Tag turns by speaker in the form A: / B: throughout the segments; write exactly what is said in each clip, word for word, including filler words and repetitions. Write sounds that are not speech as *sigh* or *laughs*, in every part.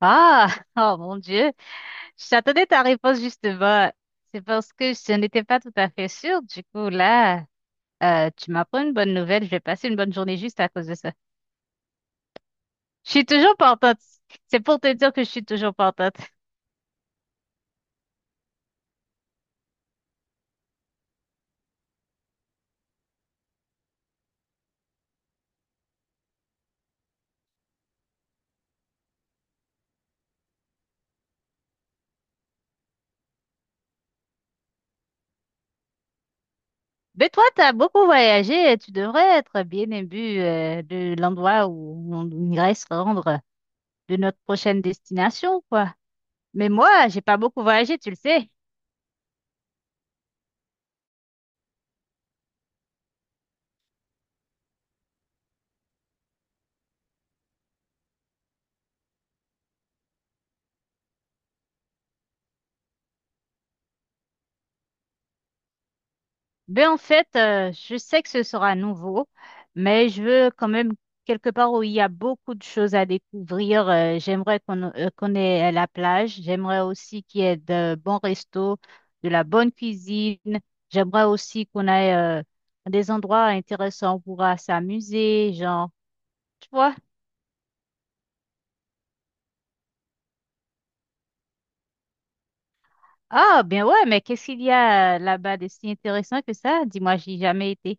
A: Ah, *laughs* oh mon Dieu, j'attendais ta réponse justement. C'est parce que je n'étais pas tout à fait sûre. Du coup, là, euh, tu m'apprends une bonne nouvelle. Je vais passer une bonne journée juste à cause de ça. Je suis toujours partante. C'est pour te dire que je suis toujours partante. Mais toi, tu as beaucoup voyagé et tu devrais être bien imbu euh, de l'endroit où on irait se rendre, de notre prochaine destination, quoi. Mais moi, j'ai pas beaucoup voyagé, tu le sais. Ben en fait, euh, je sais que ce sera nouveau, mais je veux quand même quelque part où il y a beaucoup de choses à découvrir. Euh, j'aimerais qu'on euh, qu'on ait la plage. J'aimerais aussi qu'il y ait de bons restos, de la bonne cuisine. J'aimerais aussi qu'on ait euh, des endroits intéressants où on pourra s'amuser, genre, tu vois. Ah, bien ouais, mais qu'est-ce qu'il y a euh, là-bas de si intéressant que ça? Dis-moi, j'y ai jamais été.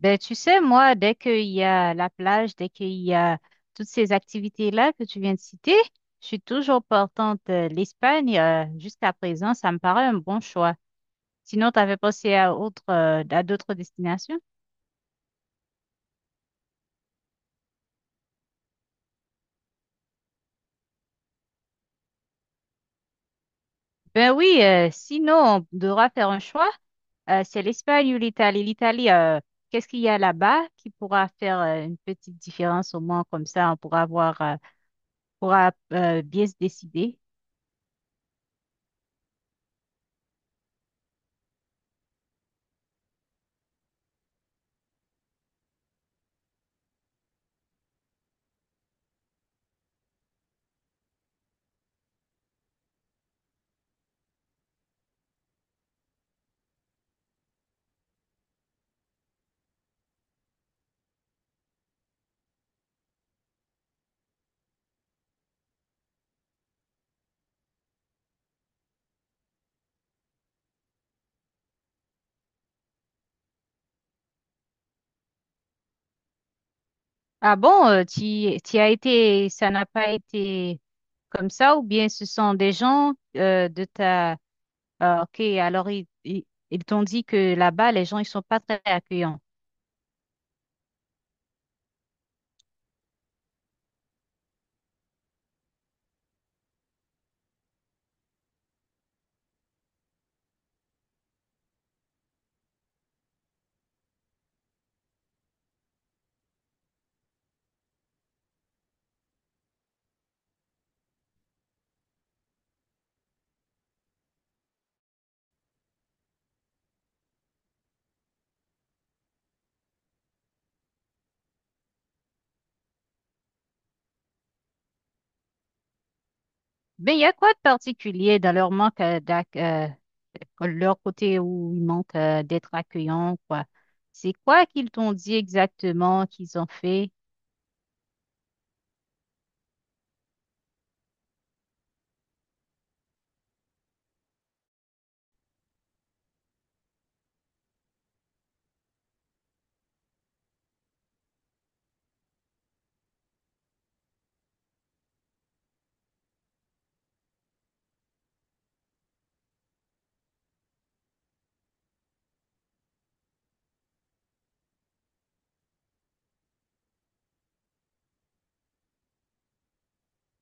A: Ben, tu sais, moi, dès qu'il y a la plage, dès qu'il y a toutes ces activités-là que tu viens de citer, je suis toujours portante. euh, L'Espagne, euh, jusqu'à présent, ça me paraît un bon choix. Sinon, tu avais pensé à autre, euh, à d'autres destinations? Ben oui, euh, sinon, on devra faire un choix. Euh, c'est l'Espagne ou l'Italie. L'Italie, euh, qu'est-ce qu'il y a là-bas qui pourra faire euh, une petite différence au moins comme ça, on pourra voir, euh, pourra euh, bien se décider. Ah bon, euh, tu, as été, ça n'a pas été comme ça, ou bien ce sont des gens euh, de ta... Ah, ok, alors ils, ils, ils t'ont dit que là-bas, les gens, ils sont pas très accueillants. Mais il y a quoi de particulier dans leur manque euh, d'ac- euh, leur côté où ils manquent euh, d'être accueillants, quoi? C'est quoi qu'ils t'ont dit exactement qu'ils ont fait?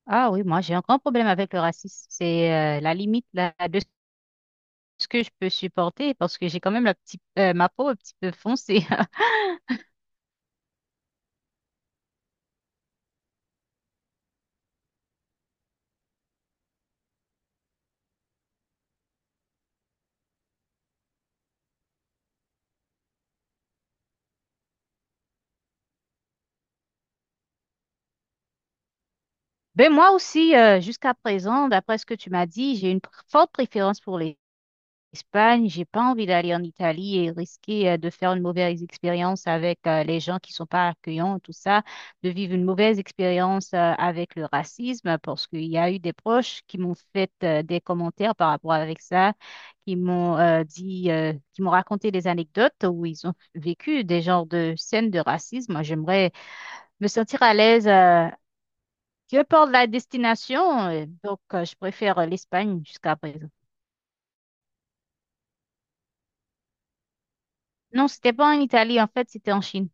A: Ah oui, moi j'ai un grand problème avec le racisme. C'est euh, la limite là, ce que je peux supporter parce que j'ai quand même la petite, euh, ma peau un petit peu foncée. *laughs* Ben moi aussi, euh, jusqu'à présent, d'après ce que tu m'as dit, j'ai une pr- forte préférence pour les Espagne, j'ai pas envie d'aller en Italie et risquer euh, de faire une mauvaise expérience avec euh, les gens qui sont pas accueillants, tout ça, de vivre une mauvaise expérience euh, avec le racisme, parce qu'il y a eu des proches qui m'ont fait euh, des commentaires par rapport avec ça, qui m'ont euh, dit, euh, qui m'ont raconté des anecdotes où ils ont vécu des genres de scènes de racisme. Moi, j'aimerais me sentir à l'aise, euh, peu importe la destination, euh, donc euh, je préfère euh, l'Espagne jusqu'à présent. Non, c'était pas en Italie, en fait, c'était en Chine.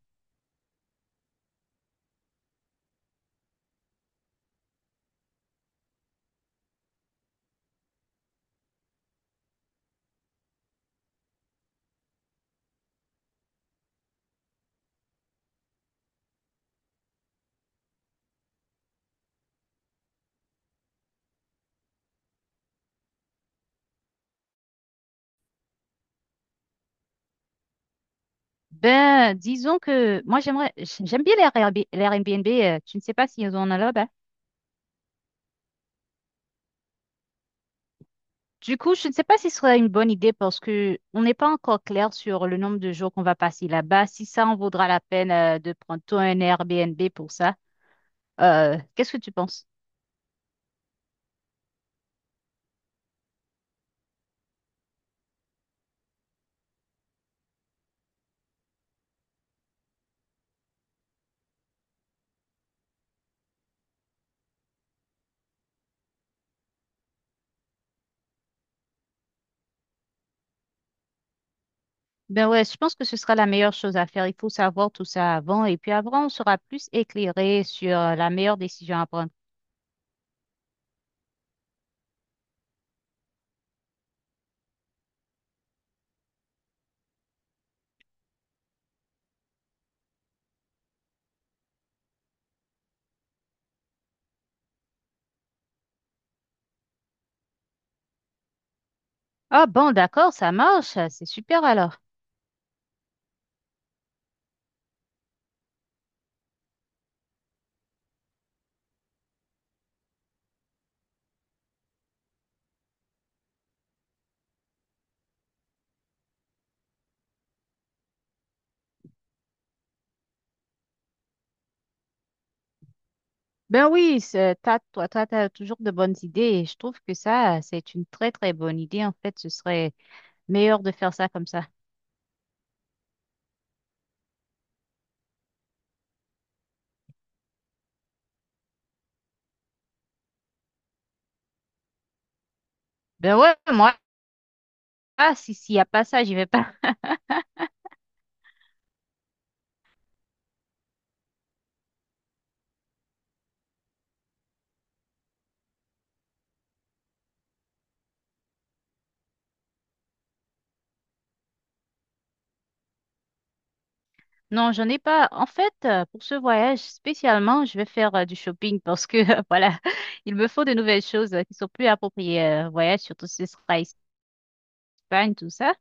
A: Ben, disons que moi j'aimerais, j'aime bien les Airbnb, les Airbnb, euh, tu ne sais pas s'ils en ont là-bas. Du coup, je ne sais pas si ce serait une bonne idée parce que on n'est pas encore clair sur le nombre de jours qu'on va passer là-bas, si ça en vaudra la peine euh, de prendre toi un Airbnb pour ça. Euh, qu'est-ce que tu penses? Ben ouais, je pense que ce sera la meilleure chose à faire. Il faut savoir tout ça avant et puis avant, on sera plus éclairé sur euh, la meilleure décision à prendre. Ah bon, d'accord, ça marche, c'est super alors. Ben oui, c'est- t'as, toi, toi, t'as toujours de bonnes idées et je trouve que ça, c'est une très, très bonne idée. En fait, ce serait meilleur de faire ça comme ça. Ben ouais, moi, ah, si, s'il y a pas ça, j'y vais pas. *laughs* Non, j'en ai pas. En fait, euh, pour ce voyage spécialement, je vais faire euh, du shopping parce que, *laughs* voilà, il me faut de nouvelles choses euh, qui sont plus appropriées euh, au voyage, surtout si ce sera Espagne, tout ça.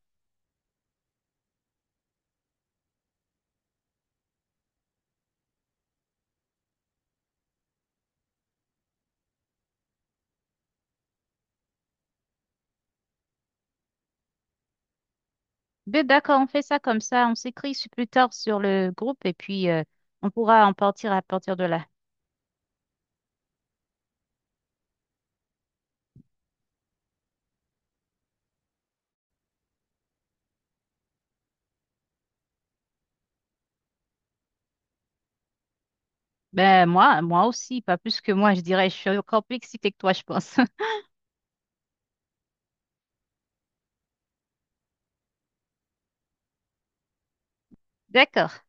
A: Ben d'accord, on fait ça comme ça. On s'écrit sur- plus tard sur le groupe et puis euh, on pourra en partir à partir de là. Ben moi, moi aussi, pas plus que moi, je dirais. Je suis encore plus excitée que toi, je pense. *laughs* D'accord.